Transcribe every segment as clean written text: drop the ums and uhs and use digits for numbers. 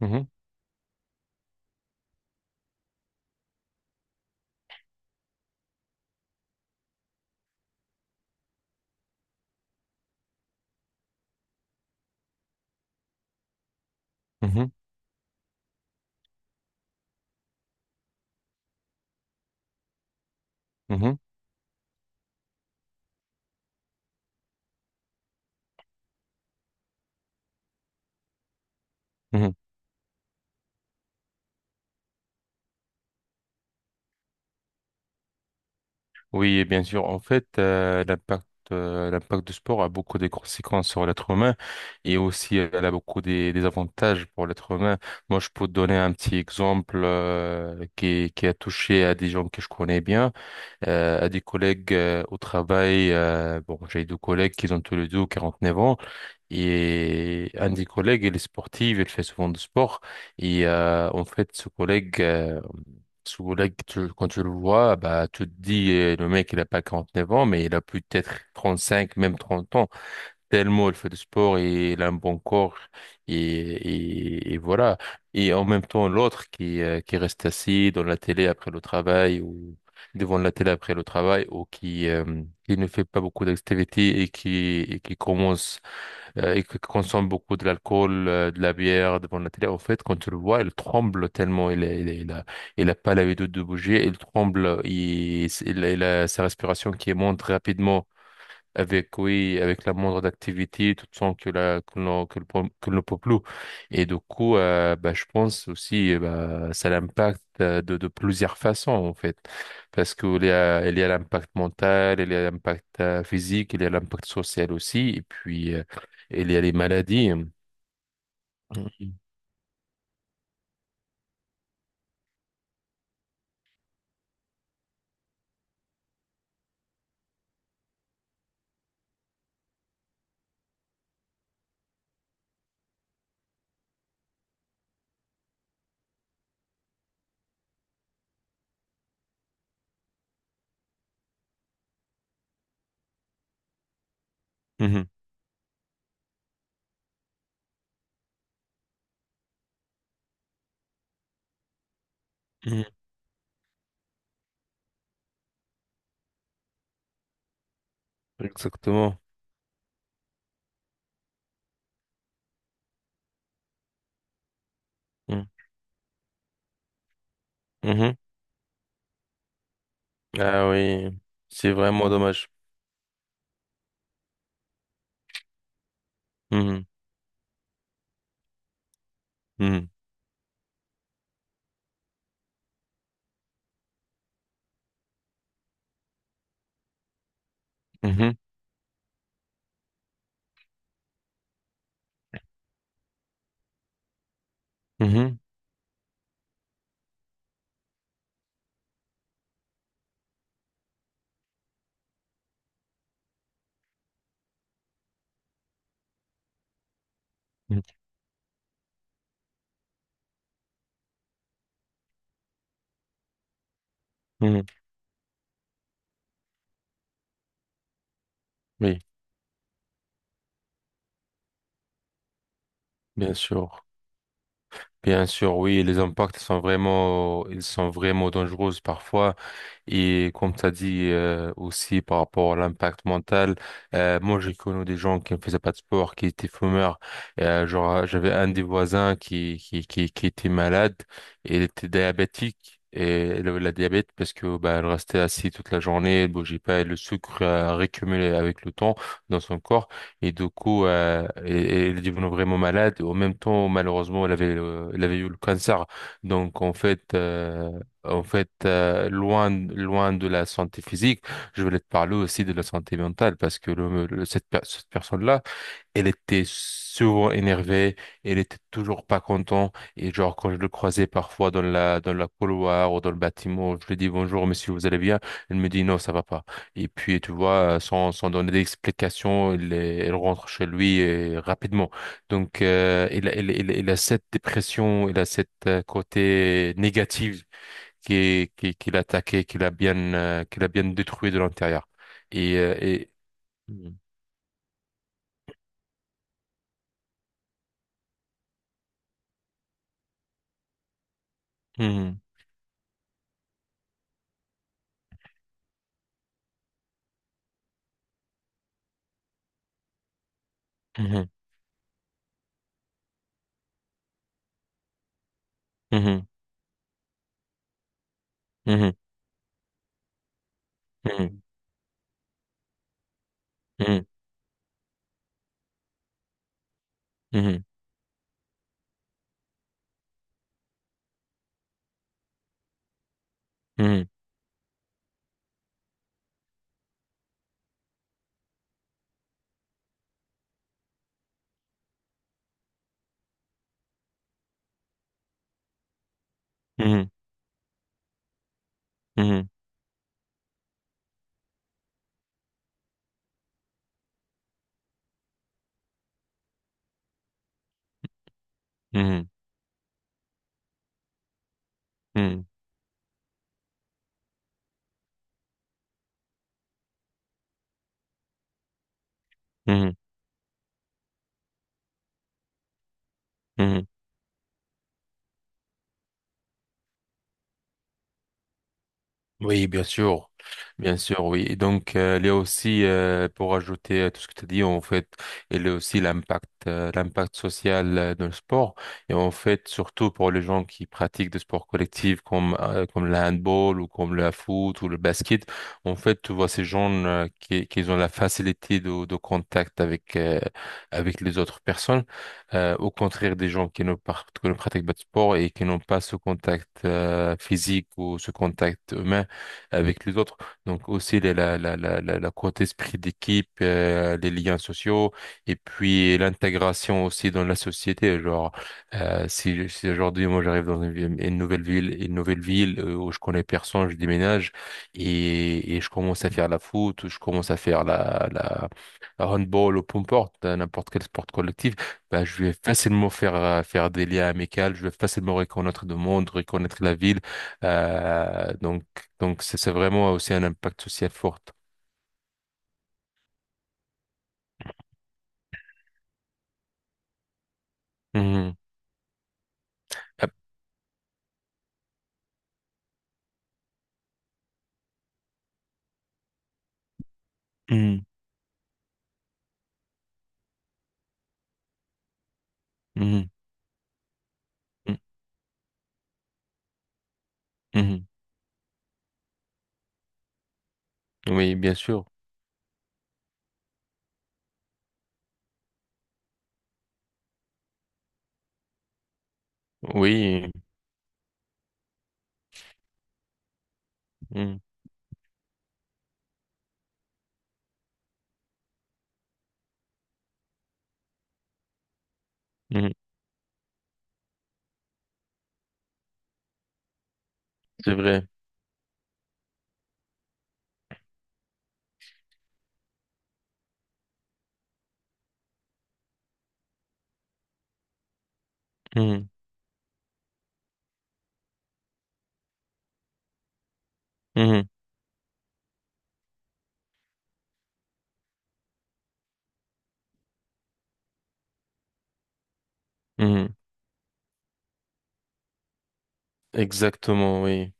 Mhm, mhm, mhm, mhm. Oui, et bien sûr. En fait, l'impact du sport a beaucoup de conséquences sur l'être humain et aussi elle a beaucoup des avantages pour l'être humain. Moi, je peux te donner un petit exemple qui a touché à des gens que je connais bien, à des collègues au travail. Bon, j'ai deux collègues qui ont tous les deux 49 ans. Et un des collègues, il est sportif, il fait souvent du sport. Et en fait, ce collègue, quand tu le vois, bah, tu te dis, le mec, il a pas 49 ans, mais il a peut-être 35 même 30 ans. Tellement il fait du sport et il a un bon corps. Et voilà. Et en même temps, l'autre qui reste assis dans la télé après le travail ou devant la télé après le travail ou qui ne fait pas beaucoup d'activités et qui consomme beaucoup de l'alcool, de la bière devant la télé, en fait, quand tu le vois, il tremble tellement, il a pas l'habitude de bouger, il tremble, il a sa respiration qui monte rapidement avec, oui, avec la moindre d'activité tout sens que la que le, pom- que le peuple. Et du coup, bah, je pense aussi, bah, ça l'impacte, de plusieurs façons en fait parce que il y a l'impact mental, il y a l'impact physique, il y a l'impact social aussi et puis il y a les maladies. Mhm. Mhm. Mhm. Exactement. Mhm. Mhm. Ah oui, c'est vraiment dommage. Mhm. Mhm. Mhm. Mhm. Mhm. Mhm. Oui, bien sûr. Bien sûr, oui, les impacts sont vraiment, ils sont vraiment dangereux parfois. Et comme tu as dit, aussi par rapport à l'impact mental, moi j'ai connu des gens qui ne faisaient pas de sport, qui étaient fumeurs. Genre j'avais un des voisins qui était malade et il était diabétique. Et elle avait la diabète parce que bah, elle restait assise toute la journée, elle bougeait pas, et le sucre a récumulé avec le temps dans son corps et du coup elle est devenue vraiment malade. Et en même temps, malheureusement, elle avait eu le cancer. Donc en fait, loin, loin de la santé physique, je voulais te parler aussi de la santé mentale parce que cette personne-là, elle était souvent énervée, elle était toujours pas contente et genre quand je le croisais parfois dans la couloir ou dans le bâtiment, je lui dis bonjour monsieur, vous allez bien? Elle me dit non, ça va pas. Et puis tu vois, sans donner d'explication, elle rentre chez lui, rapidement. Donc il a cette dépression, il a cette côté négatif qui l'a attaqué, qui l'a bien détruit de l'intérieur. Et, euh, et... Mhm. Mhm. Mhm. Mhm. Mhm. Mhm. Mhm. Mhm. Mhm. Mhm. Mhm. Mhm. Mhm. Mhm. Mhm. Oui, bien sûr, oui. Et donc, il y a aussi, pour ajouter à tout ce que tu as dit, en fait, il y a aussi l'impact social dans le sport. Et en fait, surtout pour les gens qui pratiquent des sports collectifs comme le handball ou comme le foot ou le basket, en fait, tu vois ces gens qui ont la facilité de contact avec les autres personnes, au contraire des gens qui ne pratiquent pas de sport et qui n'ont pas ce contact, physique ou ce contact humain avec les autres. Donc aussi la côté esprit d'équipe, les liens sociaux et puis l'intégration aussi dans la société. Genre, si aujourd'hui moi j'arrive dans une, ville- une nouvelle ville, une nouvelle ville où je connais personne, je déménage et je commence à faire la foot, ou je commence à faire la handball ou peu importe, n'importe quel sport collectif, ben je vais facilement faire des liens amicaux, je vais facilement reconnaître le monde, reconnaître la ville. Donc c'est vraiment aussi un impact social fort. Mhm. Ah, mhm, mhm, mhm, mhm. Oui, bien sûr. Oui, mhm, mhm, c'est vrai. Mhm, mhm, mhm. Exactement, oui.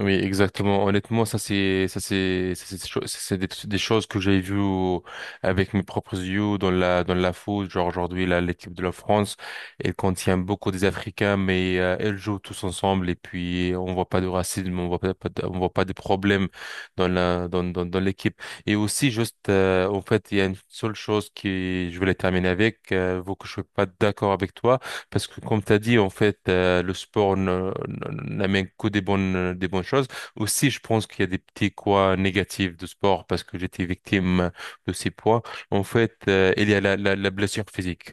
Oui, exactement. Honnêtement, c'est des choses que j'ai vues avec mes propres yeux dans la foot. Genre aujourd'hui, là, l'équipe de la France, elle contient beaucoup des Africains, mais elle joue tous ensemble et puis on voit pas de racisme, on voit pas de problèmes dans l'équipe. Et aussi juste en fait, il y a une seule chose qui je voulais terminer avec, vu que je suis pas d'accord avec toi. Parce que comme tu as dit, en fait, le sport n'amène que des bonnes choses. Aussi, je pense qu'il y a des petits quoi négatifs de sport parce que j'étais victime de ces poids. En fait, il y a la blessure physique.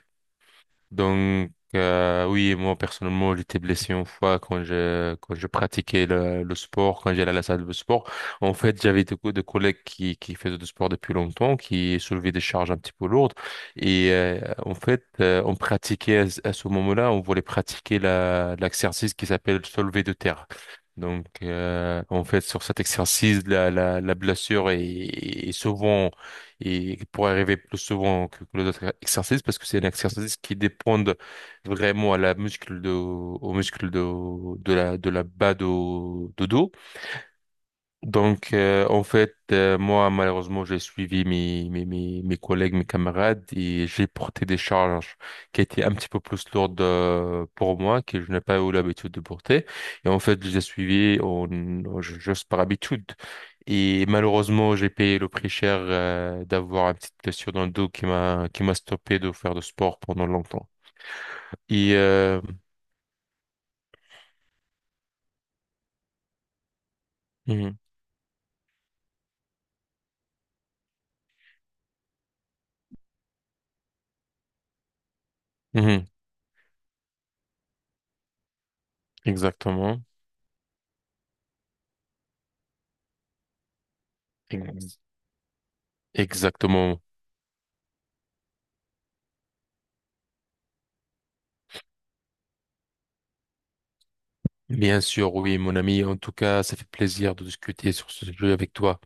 Donc, oui, moi, personnellement, j'étais blessé une fois quand je pratiquais le sport, quand j'allais à la salle de sport. En fait, j'avais des collègues qui faisaient du sport depuis longtemps, qui soulevaient des charges un petit peu lourdes. Et en fait, on pratiquait à ce moment-là, on voulait pratiquer l'exercice qui s'appelle le soulevé de terre. Donc, en fait, sur cet exercice, la blessure est souvent et pour arriver plus souvent que les autres exercices parce que c'est un exercice qui dépend vraiment à la muscle de, au muscle de, la bas de dos. Donc, en fait, moi, malheureusement, j'ai suivi mes collègues, mes camarades et j'ai porté des charges qui étaient un petit peu plus lourdes pour moi, que je n'ai pas eu l'habitude de porter. Et en fait, je les ai suivis juste par habitude. Et malheureusement, j'ai payé le prix cher d'avoir une petite blessure dans le dos qui m'a stoppé de faire de sport pendant longtemps. Et mhm, mhm, exactement, ex- exactement. Bien sûr, oui, mon ami. En tout cas, ça fait plaisir de discuter sur ce sujet avec toi.